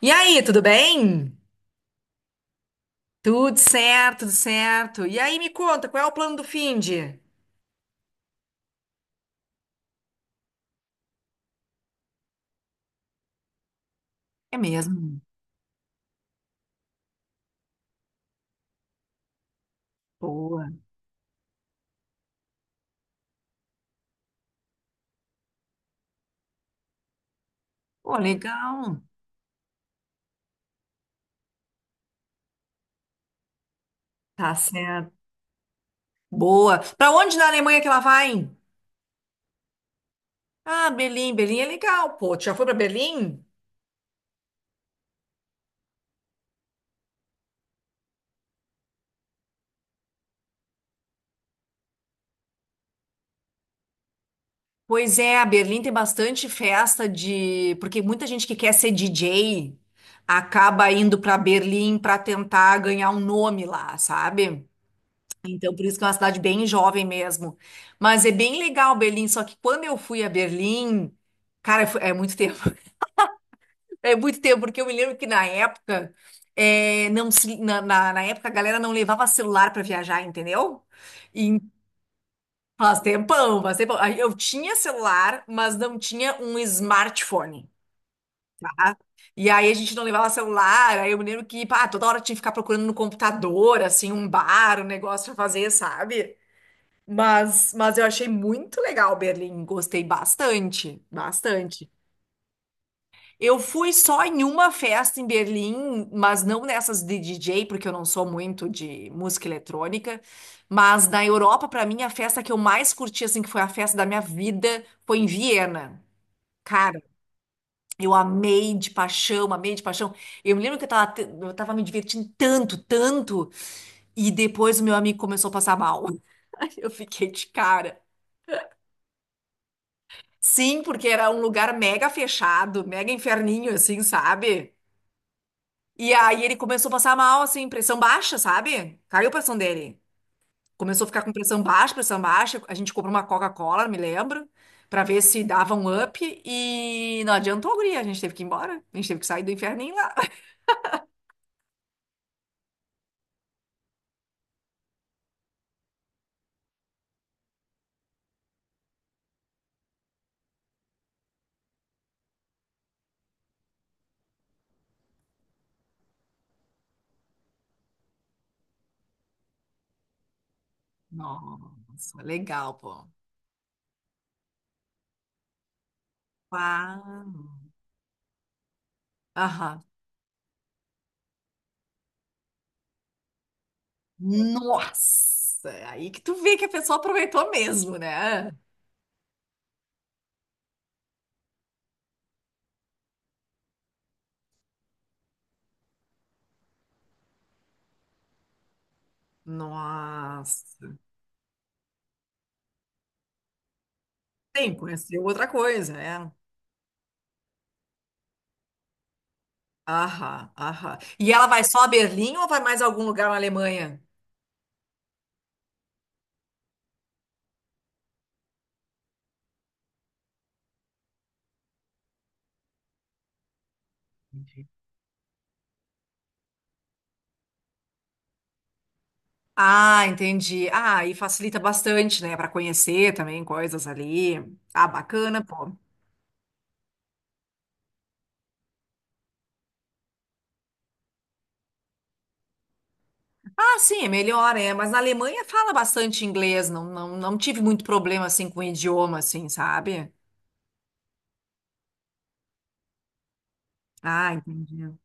E aí, tudo bem? Tudo certo, tudo certo. E aí, me conta, qual é o plano do finde? É mesmo? Boa. Pô, legal. Tá certo. Boa. Pra onde na Alemanha que ela vai? Ah, Berlim. Berlim é legal, pô. Tu já foi pra Berlim? Pois é, a Berlim tem bastante festa de. Porque muita gente que quer ser DJ acaba indo pra Berlim pra tentar ganhar um nome lá, sabe? Então, por isso que é uma cidade bem jovem mesmo. Mas é bem legal Berlim, só que quando eu fui a Berlim, cara, é muito tempo. É muito tempo, porque eu me lembro que na época, é, não se, na época a galera não levava celular para viajar, entendeu? E faz tempão, faz tempão. Aí eu tinha celular, mas não tinha um smartphone. E aí a gente não levava celular, aí eu me lembro que, pá, toda hora tinha que ficar procurando no computador, assim, um bar, um negócio pra fazer, sabe? Mas eu achei muito legal Berlim, gostei bastante, bastante. Eu fui só em uma festa em Berlim, mas não nessas de DJ, porque eu não sou muito de música eletrônica. Mas na Europa, para mim, a festa que eu mais curti, assim, que foi a festa da minha vida, foi em Viena. Cara, eu amei de paixão, amei de paixão. Eu me lembro que eu tava, eu tava me divertindo tanto, tanto, e depois o meu amigo começou a passar mal. Eu fiquei de cara. Sim, porque era um lugar mega fechado, mega inferninho, assim, sabe? E aí ele começou a passar mal, assim, pressão baixa, sabe? Caiu a pressão dele. Começou a ficar com pressão baixa, pressão baixa. A gente comprou uma Coca-Cola, me lembro, pra ver se dava um up. E não adiantou, guria. A gente teve que ir embora. A gente teve que sair do inferninho lá. Nossa, legal, pô. Uau. Aham. Nossa, aí que tu vê que a pessoa aproveitou mesmo, né? Nossa. Sim, conhecer outra coisa, é. Aham, aham. E ela vai só a Berlim ou vai mais a algum lugar na Alemanha? Ah, entendi. Ah, aí facilita bastante, né, para conhecer também coisas ali. Ah, bacana, pô. Ah, sim, é melhor, é. Mas na Alemanha fala bastante inglês, não, não, não tive muito problema assim com o idioma, assim, sabe? Ah, entendi.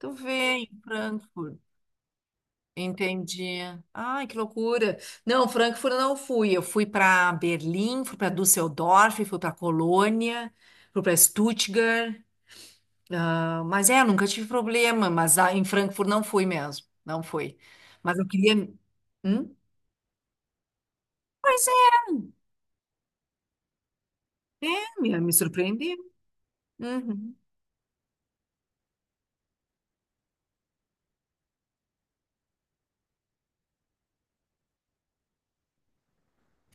Tu vem, Frankfurt. Entendi. Ai, que loucura. Não, Frankfurt eu não fui. Eu fui para Berlim, fui para Düsseldorf, fui para Colônia, fui para Stuttgart. Ah, mas é, eu nunca tive problema, mas ah, em Frankfurt não fui mesmo. Não fui. Mas eu queria. Hum? Pois é, me surpreendeu. Uhum.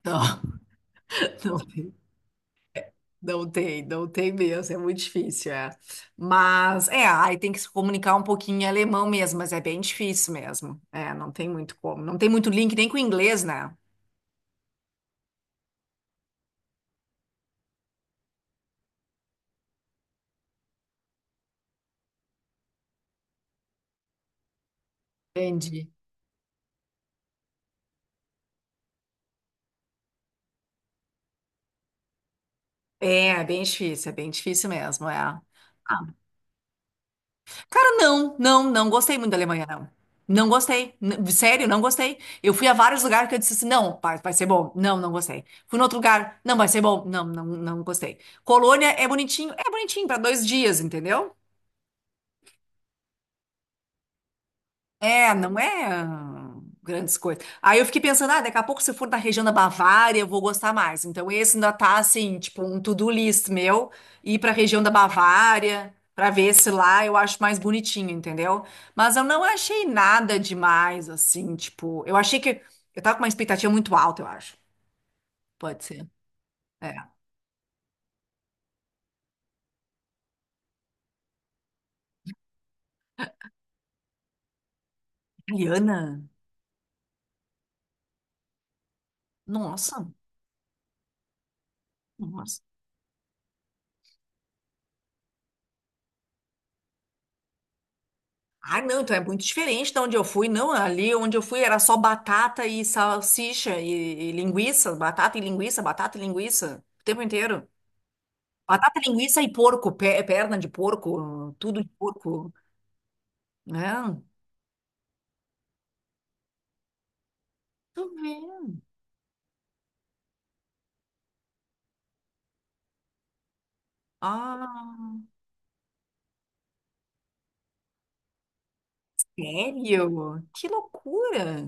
Não, não. Não tem, não tem mesmo, é muito difícil, é. Mas, é, aí tem que se comunicar um pouquinho em alemão mesmo, mas é bem difícil mesmo. É, não tem muito como. Não tem muito link nem com o inglês, né? Entendi. É, é bem difícil mesmo, é. Ah, cara, não, não, não gostei muito da Alemanha, não. Não gostei, sério, não gostei. Eu fui a vários lugares que eu disse assim, não, vai, vai ser bom. Não, não gostei. Fui em outro lugar, não, vai ser bom. Não, não, não gostei. Colônia é bonitinho para dois dias, entendeu? É, não é grandes coisas. Aí eu fiquei pensando, ah, daqui a pouco se eu for na região da Bavária, eu vou gostar mais. Então esse ainda tá assim, tipo um to-do list meu, ir pra região da Bavária, pra ver se lá eu acho mais bonitinho, entendeu? Mas eu não achei nada demais assim, tipo, eu achei que eu tava com uma expectativa muito alta, eu acho. Pode ser. É, italiana. Nossa, nossa. Ah, não, então é muito diferente da onde eu fui. Não, ali onde eu fui era só batata e salsicha e linguiça, batata e linguiça, batata e linguiça, o tempo inteiro. Batata, linguiça e porco, perna de porco, tudo de porco, né? Tu vê. Ah, sério? Que loucura!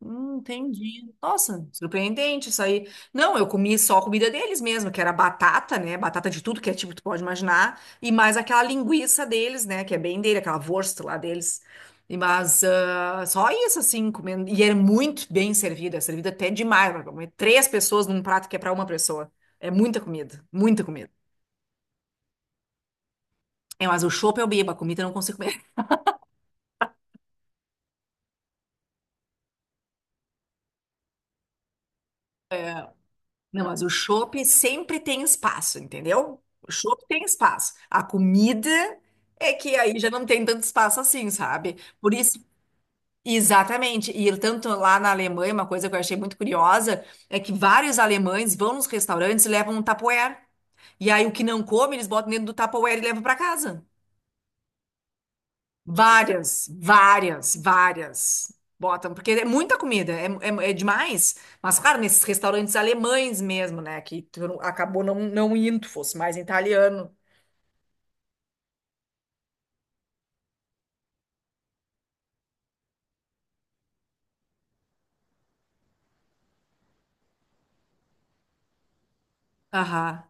Entendi. Nossa, surpreendente isso aí. Não, eu comi só a comida deles mesmo, que era batata, né? Batata de tudo que é tipo, tu pode imaginar. E mais aquela linguiça deles, né? Que é bem dele, aquela wurst lá deles. E, mas ah, só isso, assim, comendo. E era muito bem servida, é servida até demais. Pra comer três pessoas num prato que é pra uma pessoa. É muita comida, muita comida. É, mas o chopp eu bebo, a comida eu não consigo comer. Não, mas o chopp sempre tem espaço, entendeu? O chopp tem espaço. A comida é que aí já não tem tanto espaço assim, sabe? Por isso, exatamente. E tanto lá na Alemanha, uma coisa que eu achei muito curiosa é que vários alemães vão nos restaurantes e levam um Tupperware. E aí o que não come, eles botam dentro do Tupperware e levam para casa. Várias, várias, várias botam, porque é muita comida, é, é, é demais. Mas, claro, nesses restaurantes alemães mesmo, né? Que tu acabou não, não indo, fosse mais italiano. Aham.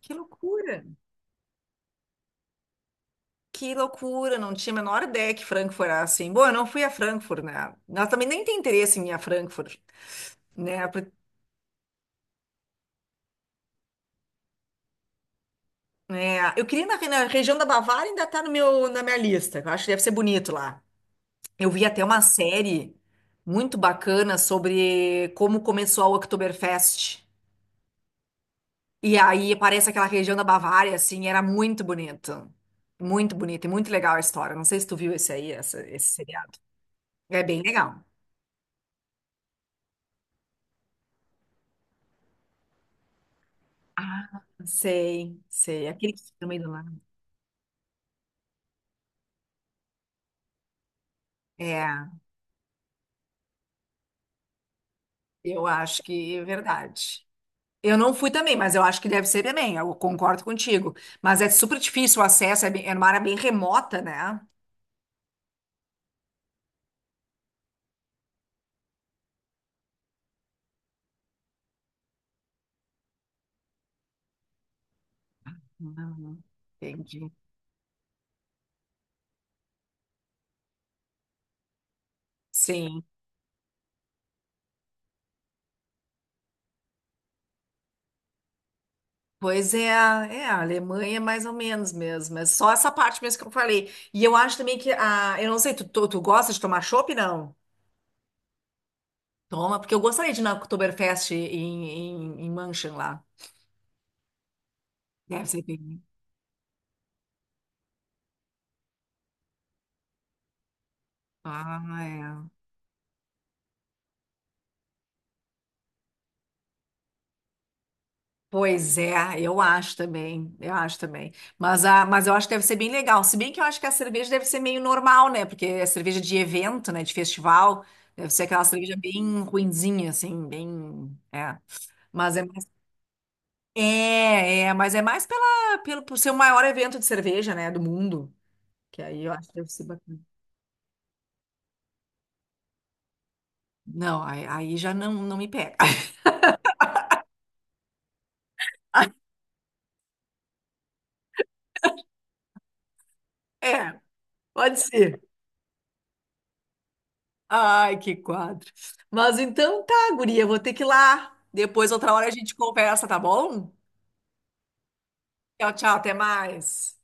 Que loucura! Que loucura! Não tinha a menor ideia que Frankfurt era assim. Bom, eu não fui a Frankfurt, né? Nós também nem tem interesse em ir a Frankfurt, né? Né, eu queria ir na região da Bavária ainda tá no na minha lista. Eu acho que deve ser bonito lá. Eu vi até uma série muito bacana sobre como começou a Oktoberfest. E aí aparece aquela região da Bavária, assim, era muito bonito. Muito bonito e muito legal a história. Não sei se tu viu esse aí, esse seriado. É bem legal. Ah, sei, sei. Aquele que fica no meio do lado. É, eu acho que é verdade. Eu não fui também, mas eu acho que deve ser também. Eu concordo contigo. Mas é super difícil o acesso, é, bem, é uma área bem remota, né? Uhum, entendi. Sim. Pois é, é, a Alemanha é mais ou menos mesmo, é só essa parte mesmo que eu falei. E eu acho também que, a, eu não sei, tu gosta de tomar chopp, não? Toma, porque eu gostaria de ir na Oktoberfest em, em, em München lá. Deve ser bem. Ah, é. Pois é, eu acho também, eu acho também. Mas, a, mas eu acho que deve ser bem legal. Se bem que eu acho que a cerveja deve ser meio normal, né? Porque é cerveja de evento, né? De festival. Deve ser aquela cerveja bem ruinzinha, assim, bem. É. Mas é. É, é, mas é mais pela, pelo, por ser o maior evento de cerveja, né, do mundo. Que aí eu acho que deve ser bacana. Não, aí, aí já não, não me pega. É, pode ser. Ai, que quadro. Mas então tá, guria, eu vou ter que ir lá. Depois, outra hora, a gente conversa, tá bom? Tchau, tchau, até mais.